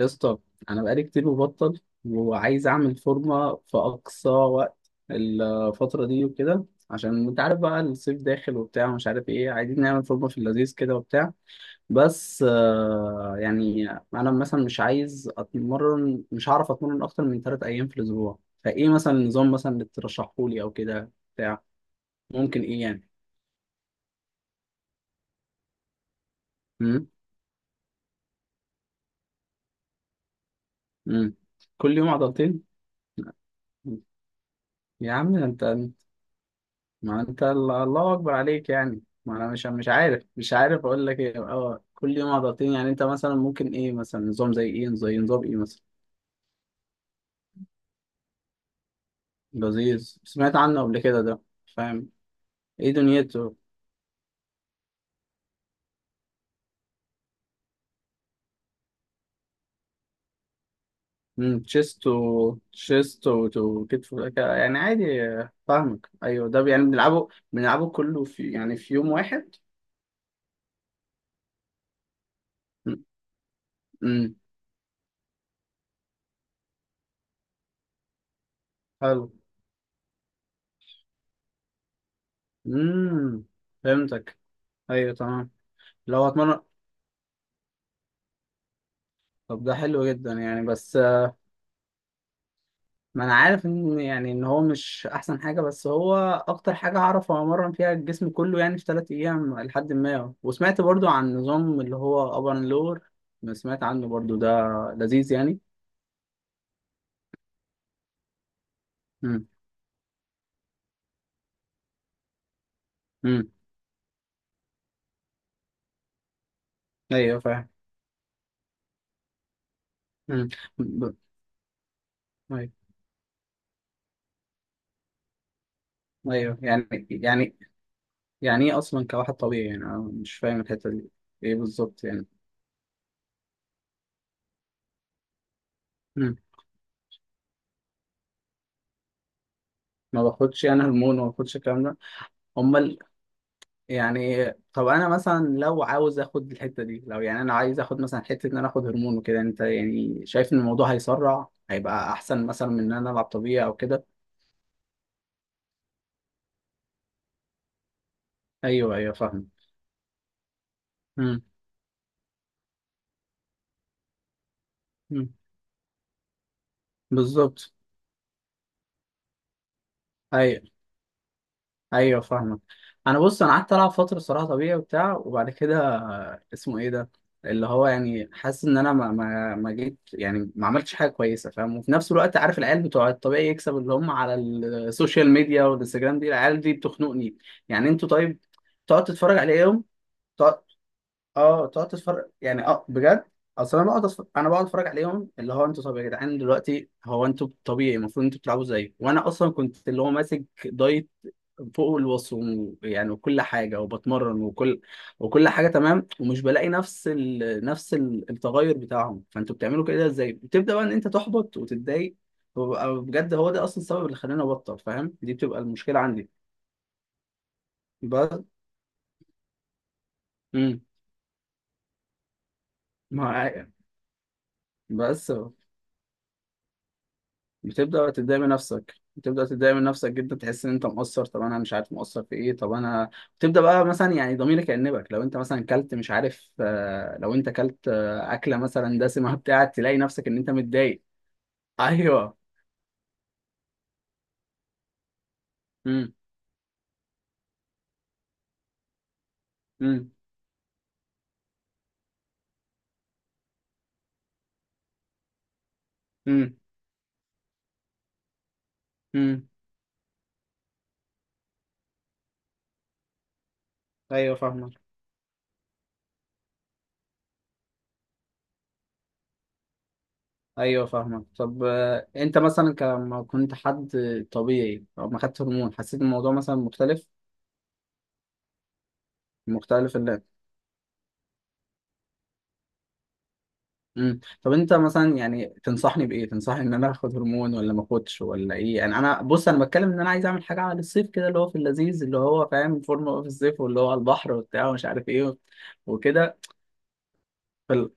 يا اسطى، انا بقالي كتير مبطل وعايز اعمل فورمه في اقصى وقت الفتره دي وكده، عشان انت عارف بقى الصيف داخل وبتاع ومش عارف ايه، عايزين نعمل فورمه في اللذيذ كده وبتاع. بس يعني انا مثلا مش هعرف اتمرن اكتر من 3 ايام في الاسبوع. فايه مثلا النظام مثلا اللي ترشحه لي او كده بتاع؟ ممكن ايه يعني؟ امم. امم. كل يوم عضلتين. يا عم انت. ما انت الله اكبر عليك يعني، ما انا مش عارف اقول لك ايه. اه، كل يوم عضلتين؟ يعني انت مثلا ممكن ايه؟ مثلا نظام زي ايه؟ زي نظام ايه مثلا؟ لذيذ، سمعت عنه قبل كده ده، فاهم. ايه دنيته؟ امم تشيست و تشيست و كتف يعني عادي، فاهمك. ايوه، ده يعني بنلعبه كله في يوم واحد. امم. حلو. امم. فهمتك. ايوه، تمام. لو هتمرن. طب ده حلو جدا يعني. بس ما انا عارف ان يعني، ان هو مش احسن حاجه، بس هو اكتر حاجه اعرف امرن فيها الجسم كله يعني في 3 ايام. لحد ما وسمعت برضو عن نظام اللي هو ابر اند لور، سمعت عنه برضو ده، لذيذ يعني. امم. امم. ايوه، فاهم. امم. ب- ايوه، ايوه، يعني. يعني ايه اصلا كواحد طبيعي يعني؟ انا مش فاهم الحته دي. ايه بالظبط يعني؟ امم. ما باخدش انا هرمون وما باخدش الكلام ده. امال يعني؟ طب انا مثلا لو عاوز اخد الحته دي، لو يعني انا عايز اخد مثلا حته ان انا اخد هرمون وكده، انت يعني شايف ان الموضوع هيسرع هيبقى احسن مثلا من ان انا العب طبيعي او كده؟ ايوه، ايوه، فاهم. امم. أمم. بالظبط. ايوه، ايوه، فاهمك. انا بص، انا قعدت العب فتره صراحه طبيعي وبتاع، وبعد كده اسمه ايه ده، اللي هو يعني حاسس ان انا ما جيت، يعني ما عملتش حاجه كويسه، فاهم. وفي نفس الوقت عارف العيال بتوع الطبيعي يكسب اللي هم على السوشيال ميديا والانستجرام دي، العيال دي بتخنقني. يعني انتوا، طيب. تقعد تتفرج عليهم. تقعد اه تقعد تتفرج يعني، اه بجد. اصل انا بقعد اتفرج عليهم اللي هو انتوا، طب يا جدعان، دلوقتي هو انتوا طبيعي، المفروض انتوا بتلعبوا زي، وانا اصلا كنت اللي هو ماسك دايت فوق الوصف يعني، وكل حاجة وبتمرن وكل حاجة تمام، ومش بلاقي نفس نفس ال- التغير بتاعهم. فانتوا بتعملوا كده ازاي؟ بتبدأ بقى ان انت تحبط وتتضايق، وببقى بجد هو ده اصلا السبب اللي خلاني ابطل، فاهم؟ دي بتبقى المشكلة عندي. بس. امم. مع. بس. بتبدأ تتضايق من نفسك، بتبدأ تتضايق من نفسك جدا، تحس ان انت مقصر. طب انا مش عارف مقصر في ايه؟ طب انا بتبدأ بقى مثلا يعني ضميرك يأنبك لو انت مثلا كلت مش عارف لو انت كلت اكلة مثلا دسمة بتاع، تلاقي نفسك ان انت متضايق. ايوه. امم. امم. امم. امم. ايوه، فاهمك. ايوه، فاهمك. طب انت مثلا لما كنت حد طبيعي او ما خدت هرمون، حسيت الموضوع مثلا مختلف؟ مختلف. مم. طب انت مثلا يعني تنصحني بايه؟ تنصحني ان انا اخد هرمون ولا ما اخدش ولا ايه يعني؟ انا بص، انا بتكلم ان انا عايز اعمل حاجه على الصيف كده اللي هو في اللذيذ، اللي هو فاهم، فورمه بقى في الصيف، واللي هو على البحر وبتاع ومش عارف ايه وكده. فال-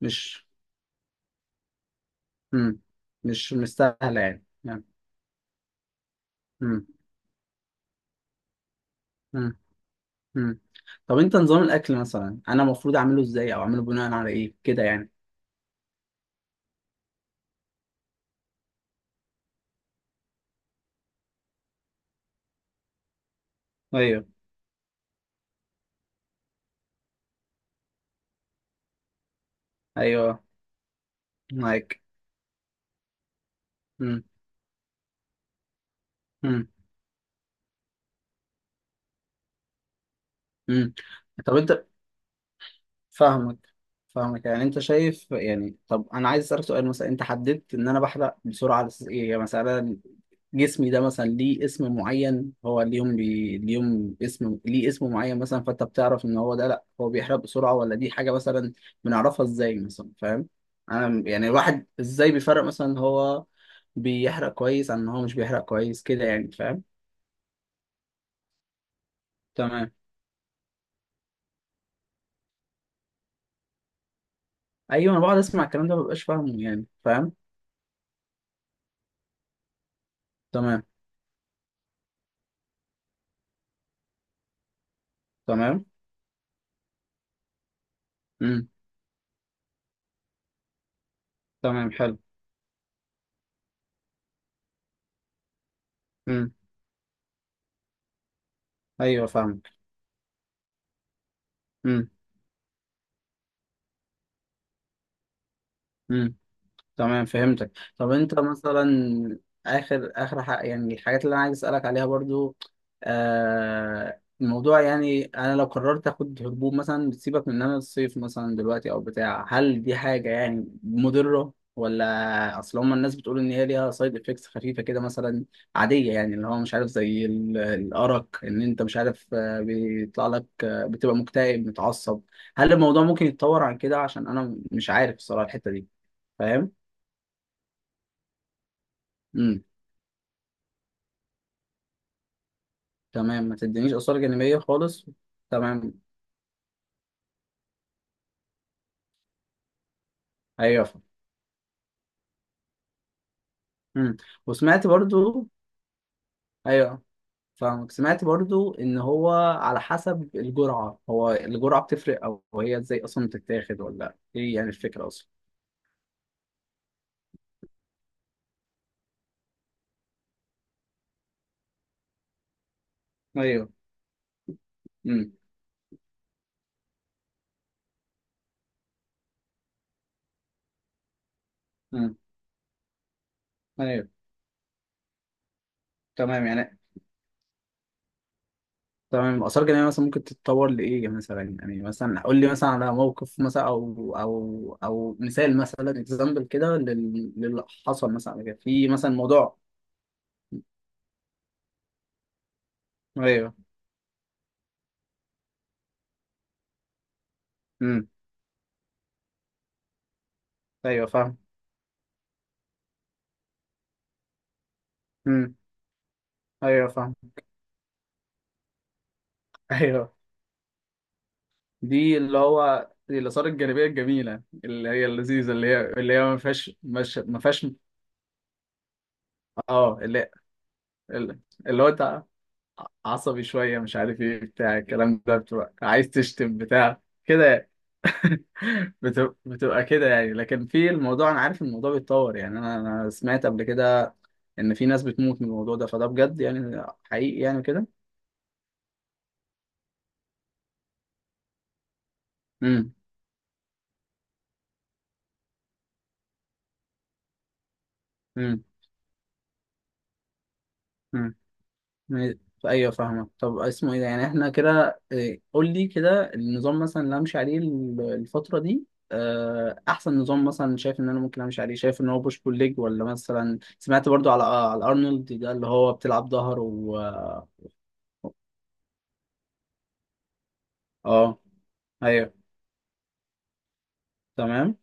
مش مم. مش مستاهله يعني يعني. مم. مم. مم. طب انت نظام الاكل مثلا، انا المفروض اعمله ازاي، او اعمله بناء على ايه كده يعني؟ ايوه. ايوه. معاك. مم. مم. مم. طب انت فاهمك فاهمك يعني، انت شايف يعني؟ طب انا عايز اسالك سؤال مثلا، انت حددت ان انا بحرق بسرعه على اساس ايه يعني؟ مثلا جسمي ده مثلا ليه اسم معين؟ هو اليوم اسم ليه اسم معين مثلا، فانت بتعرف ان هو ده لا هو بيحرق بسرعه ولا دي حاجه مثلا؟ بنعرفها ازاي مثلا، فاهم؟ انا يعني الواحد ازاي بيفرق مثلا هو بيحرق كويس عن ان هو مش بيحرق كويس كده يعني، فاهم؟ تمام. ايوه، انا بقعد اسمع الكلام ده مببقاش فاهمه يعني، فاهم. تمام. تمام. امم. تمام. حلو. امم. ايوه، فاهمك. امم. امم. تمام. فهمتك. طب انت مثلا، اخر اخر حق يعني الحاجات اللي انا عايز اسالك عليها برضو. الموضوع يعني، انا لو قررت اخد هبوب مثلا بتسيبك من ان انا الصيف مثلا دلوقتي او بتاع، هل دي حاجه يعني مضره؟ ولا اصل هما الناس بتقول ان هي ليها سايد افكتس خفيفه كده مثلا، عاديه يعني، اللي هو مش عارف زي الارق، ان انت مش عارف بيطلع لك بتبقى مكتئب، متعصب. هل الموضوع ممكن يتطور عن كده؟ عشان انا مش عارف الصراحه الحته دي، فاهم. امم. تمام. ما تدينيش آثار جانبية خالص. تمام. أيوه، فاهم. امم. وسمعت برضو. أيوه، فاهمك. سمعت برضو إن هو على حسب الجرعة، هو الجرعة بتفرق أو هي إزاي أصلا بتتاخد، ولا إيه يعني الفكرة أصلا؟ أيوه. امم. امم. أيوه، تمام يعني. تمام. الآثار الجانبية مثلا ممكن تتطور لإيه مثلا يعني، مثلا قول لي مثلا على موقف مثلا أو مثال مثلا، إكزامبل كده، للي حصل مثلا في مثلا موضوع. أيوه. ايوه، فاهم. امم. ايوه، فاهم. ايوه، دي اللي هو دي الاثار الجانبيه الجميله اللي هي اللذيذه، اللي هي ما فيهاش، مش ما فيهاش. اه. اللي اللي هو انت عصبي شويه مش عارف ايه بتاع الكلام ده، بتبقى عايز تشتم بتاع كده يعني. بتبقى كده يعني، لكن في الموضوع انا عارف إن الموضوع بيتطور يعني، انا سمعت قبل كده ان في ناس بتموت من الموضوع ده، فده بجد يعني، حقيقي يعني كده. امم. امم. ما- ايوه، فاهمك. طب اسمه ايه ده يعني، احنا كده إيه، قول لي كده النظام مثلا اللي امشي عليه الفتره دي. احسن نظام مثلا شايف ان انا ممكن امشي عليه، شايف ان هو بوش بول ليج، ولا مثلا سمعت برضو على على ارنولد ده اللي هو بتلعب ظهر و. اه، ايوه، تمام.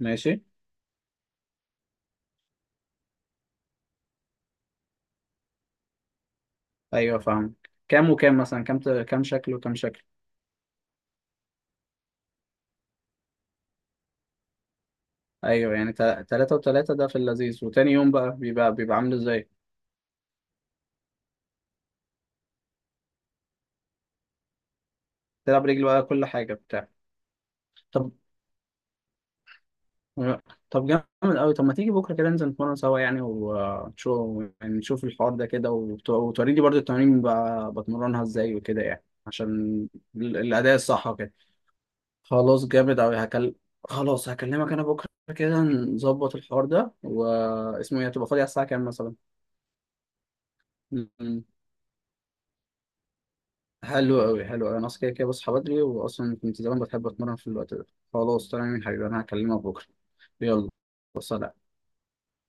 ماشي. ايوه، فاهم. كام وكام مثلا؟ كام كام شكل وكام شكل؟ ايوه يعني، تلاتة وتلاتة ده في اللذيذ، وتاني يوم بقى بيبقى عامل ازاي؟ تلعب رجل بقى، كل حاجه بتاع. طب لا. طب جامد قوي. طب ما تيجي بكره كده ننزل نتمرن سوا يعني، ونشوف يعني نشوف الحوار ده كده، وتوريني برضو التمارين بتمرنها ازاي وكده يعني، عشان الاداء الصح وكده. خلاص، جامد قوي. خلاص، هكلمك انا بكره كده، نظبط الحوار ده، واسمه ايه هتبقى فاضي على الساعه كام مثلا؟ م- حلو قوي، حلو قوي. انا اصلا كده كده بصحى بدري، واصلا كنت زمان بحب اتمرن في الوقت ده. خلاص، تمام يا حبيبي، انا هكلمك بكره. يلا، سلام.